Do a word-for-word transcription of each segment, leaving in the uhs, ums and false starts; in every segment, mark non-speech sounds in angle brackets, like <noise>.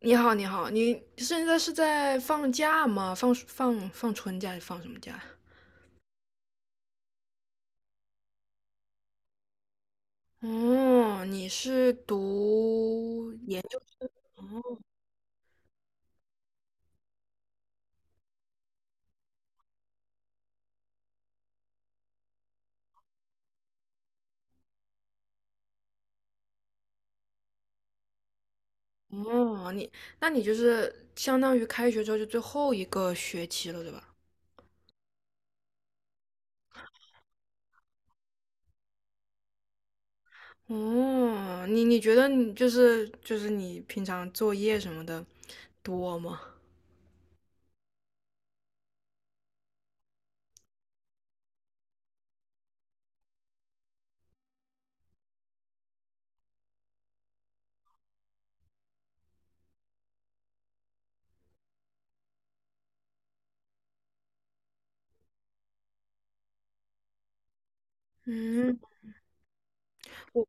你好，你好，你现在是在放假吗？放暑放放春假还是放什么假？哦，你是读研究生？哦，哦，你那你就是相当于开学之后就最后一个学期了，对吧？哦，你你觉得你就是就是你平常作业什么的多吗？嗯，我。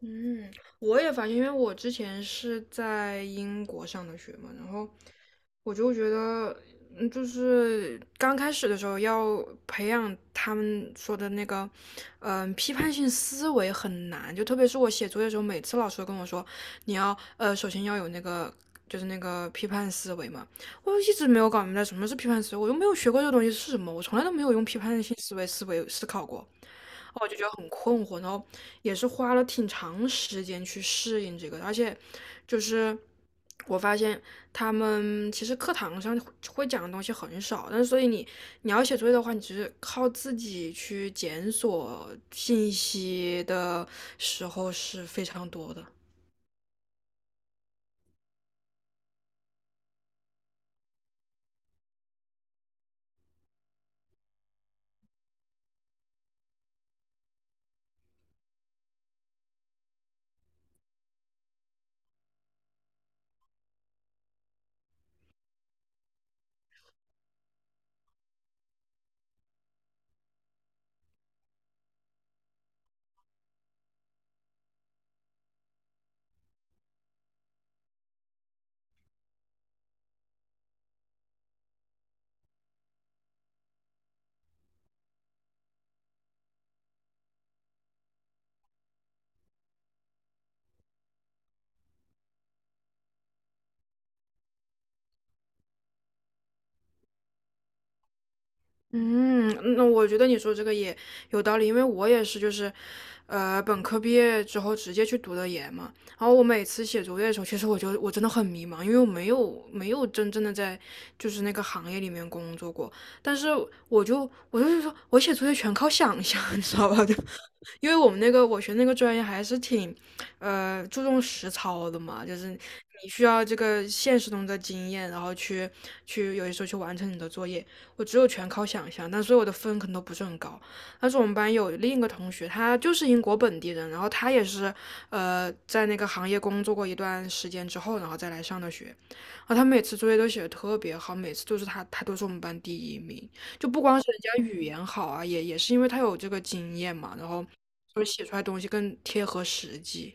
嗯，我也发现，因为我之前是在英国上的学嘛，然后我就觉得，嗯，就是刚开始的时候要培养他们说的那个，嗯、批判性思维很难，就特别是我写作业的时候，每次老师都跟我说，你要呃，首先要有那个。就是那个批判思维嘛，我一直没有搞明白什么是批判思维，我又没有学过这个东西是什么，我从来都没有用批判性思维思维思考过。也是花了挺长时间去适应这个，而且就是我发现他们其实课堂上会讲的东西很少，但是所以你你要写作业的话，你只是靠自己去检索信息的时候是非常多的。嗯，嗯那我觉得你说这个也有道理，因为我也是，就是，呃，本科毕业之后直接去读的研嘛。然后我每次写作业的时候，其实我就我真的很迷茫，因为我没有没有真正的在就是那个行业里面工作过。但是我就我就是说我写作业全靠想象，<laughs> 你知道吧？就因为我们那个我学那个专业还是挺，呃，注重实操的嘛，就是你需要这个现实中的经验，然后去去有些时候去完成你的作业。我只有全靠想象，但所以我的分可能都不是很高。但是我们班有另一个同学，他就是英国本地人，然后他也是呃在那个行业工作过一段时间之后，然后再来上的学。然后他每次作业都写的特别好，每次都是他，他都是我们班第一名。就不光是人家语言好啊，也也是因为他有这个经验嘛，然后就是写出来的东西更贴合实际。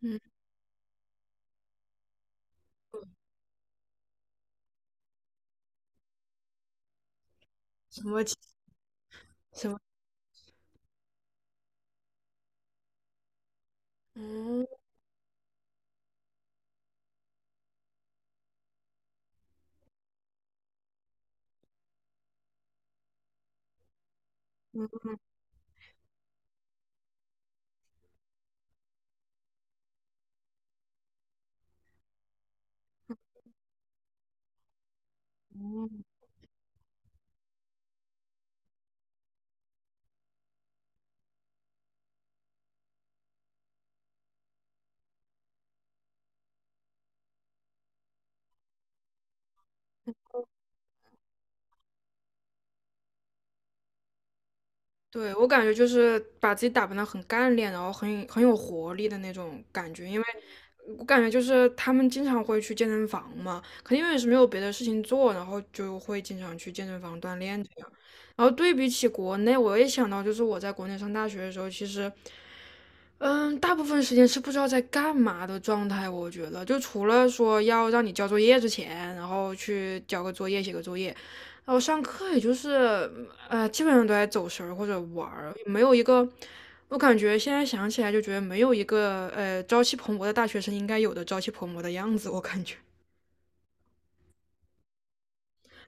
嗯，什么什么？嗯。对，我感觉就是把自己打扮得很干练，然后很很有活力的那种感觉。因为我感觉就是他们经常会去健身房嘛，肯定也是没有别的事情做，然后就会经常去健身房锻炼这样。然后对比起国内，我也想到，就是我在国内上大学的时候，其实嗯，大部分时间是不知道在干嘛的状态，我觉得就除了说要让你交作业之前，然后去交个作业、写个作业，然后上课也就是呃，基本上都在走神儿或者玩儿，没有一个我感觉现在想起来就觉得没有一个呃朝气蓬勃的大学生应该有的朝气蓬勃的样子，我感觉。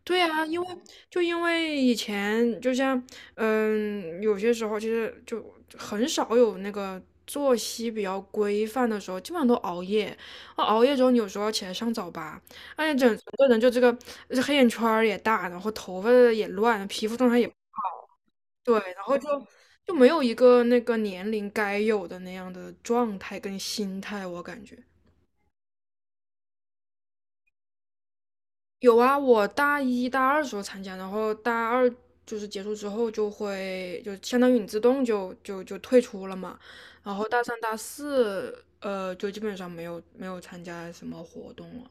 对呀，因为就因为以前就像，嗯，有些时候其实就很少有那个作息比较规范的时候，基本上都熬夜。啊熬夜之后，你有时候要起来上早八，而且整整个人就这个这黑眼圈儿也大，然后头发也乱，皮肤状态也不对，然后就就没有一个那个年龄该有的那样的状态跟心态，我感觉。有啊，我大一大二时候参加，然后大二就是结束之后就会就相当于你自动就就就退出了嘛，然后大三大四呃就基本上没有没有参加什么活动了，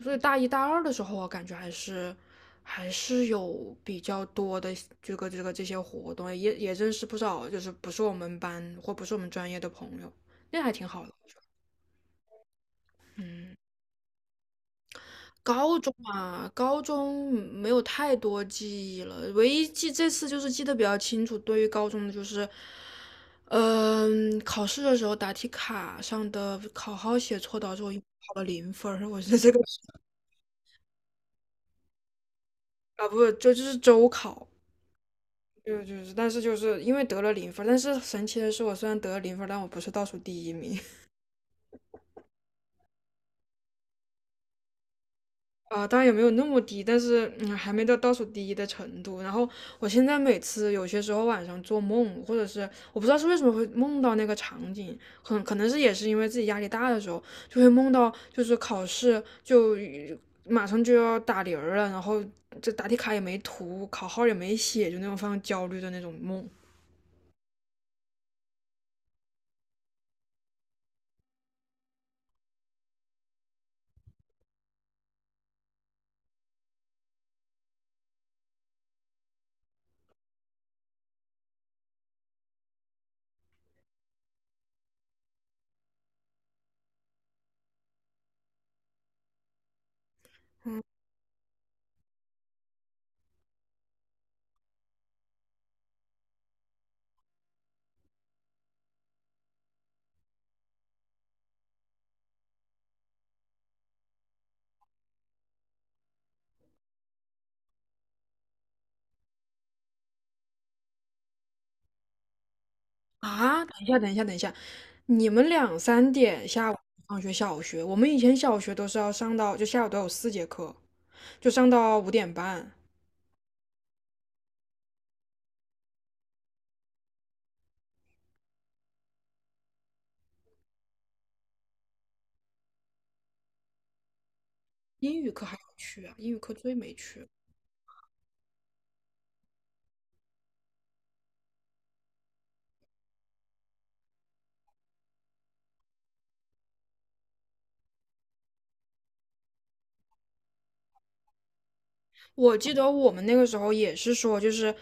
所以大一大二的时候我感觉还是还是有比较多的这个这个这些活动，也也认识不少就是不是我们班或不是我们专业的朋友，那还挺好的。高中嘛，高中没有太多记忆了，唯一记这次就是记得比较清楚，对于高中的就是，嗯、考试的时候答题卡上的考号写错，导致我一共考了零分儿。 <laughs> 我觉得这个啊不是就就是周考，就就是，但是就是因为得了零分儿但是神奇的是，我虽然得了零分儿但我不是倒数第一名。啊，当然也没有那么低，但是嗯，还没到倒数第一的程度。然后我现在每次有些时候晚上做梦，或者是我不知道是为什么会梦到那个场景，很可能是也是因为自己压力大的时候，就会梦到就是考试就呃马上就要打铃儿了，然后这答题卡也没涂，考号也没写，就那种非常焦虑的那种梦。啊！等一下，等一下，等一下，你们两三点下午放学？小学我们以前小学都是要上到就下午都有四节课。就上到五点半。英语课还要去啊，英语课最没去。我记得我们那个时候也是说，就是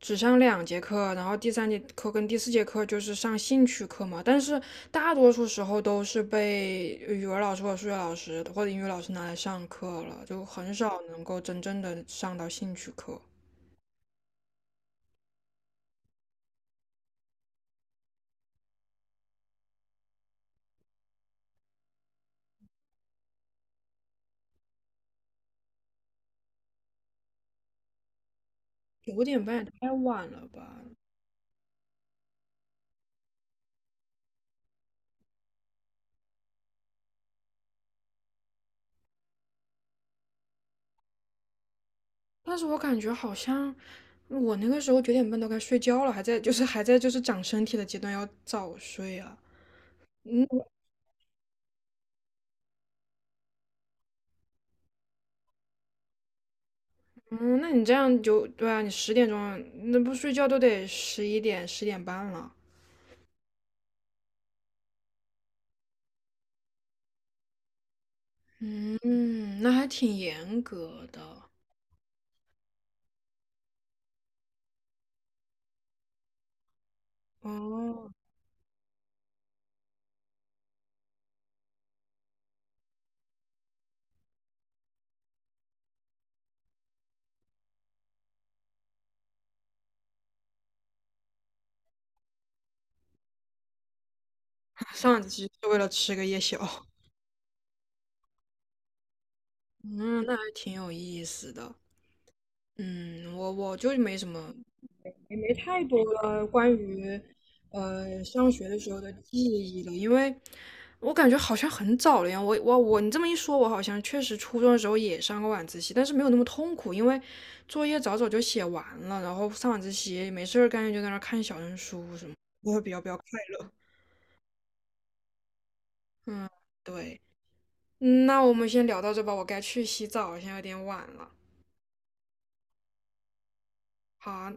只上两节课，然后第三节课跟第四节课就是上兴趣课嘛。但是大多数时候都是被语文老师或者数学老师或者英语老师拿来上课了，就很少能够真正的上到兴趣课。九点半也太晚了吧？但是我感觉好像我那个时候九点半都该睡觉了，还在就是还在就是长身体的阶段，要早睡啊。嗯嗯，那你这样就对啊，你十点钟那不睡觉都得十一点、十点半了。嗯，那还挺严格的哦。<laughs> 上一次是为了吃个夜宵，嗯，那还挺有意思的。嗯，我我就没什么也没太多了关于呃上学的时候的记忆了，因为我感觉好像很早了呀。我我我，你这么一说，我好像确实初中的时候也上过晚自习，但是没有那么痛苦，因为作业早早就写完了，然后上晚自习没事儿干就在那儿看小人书什么，我会比较比较快乐。嗯，对，嗯那我们先聊到这吧，我该去洗澡，现在有点晚了。好啊，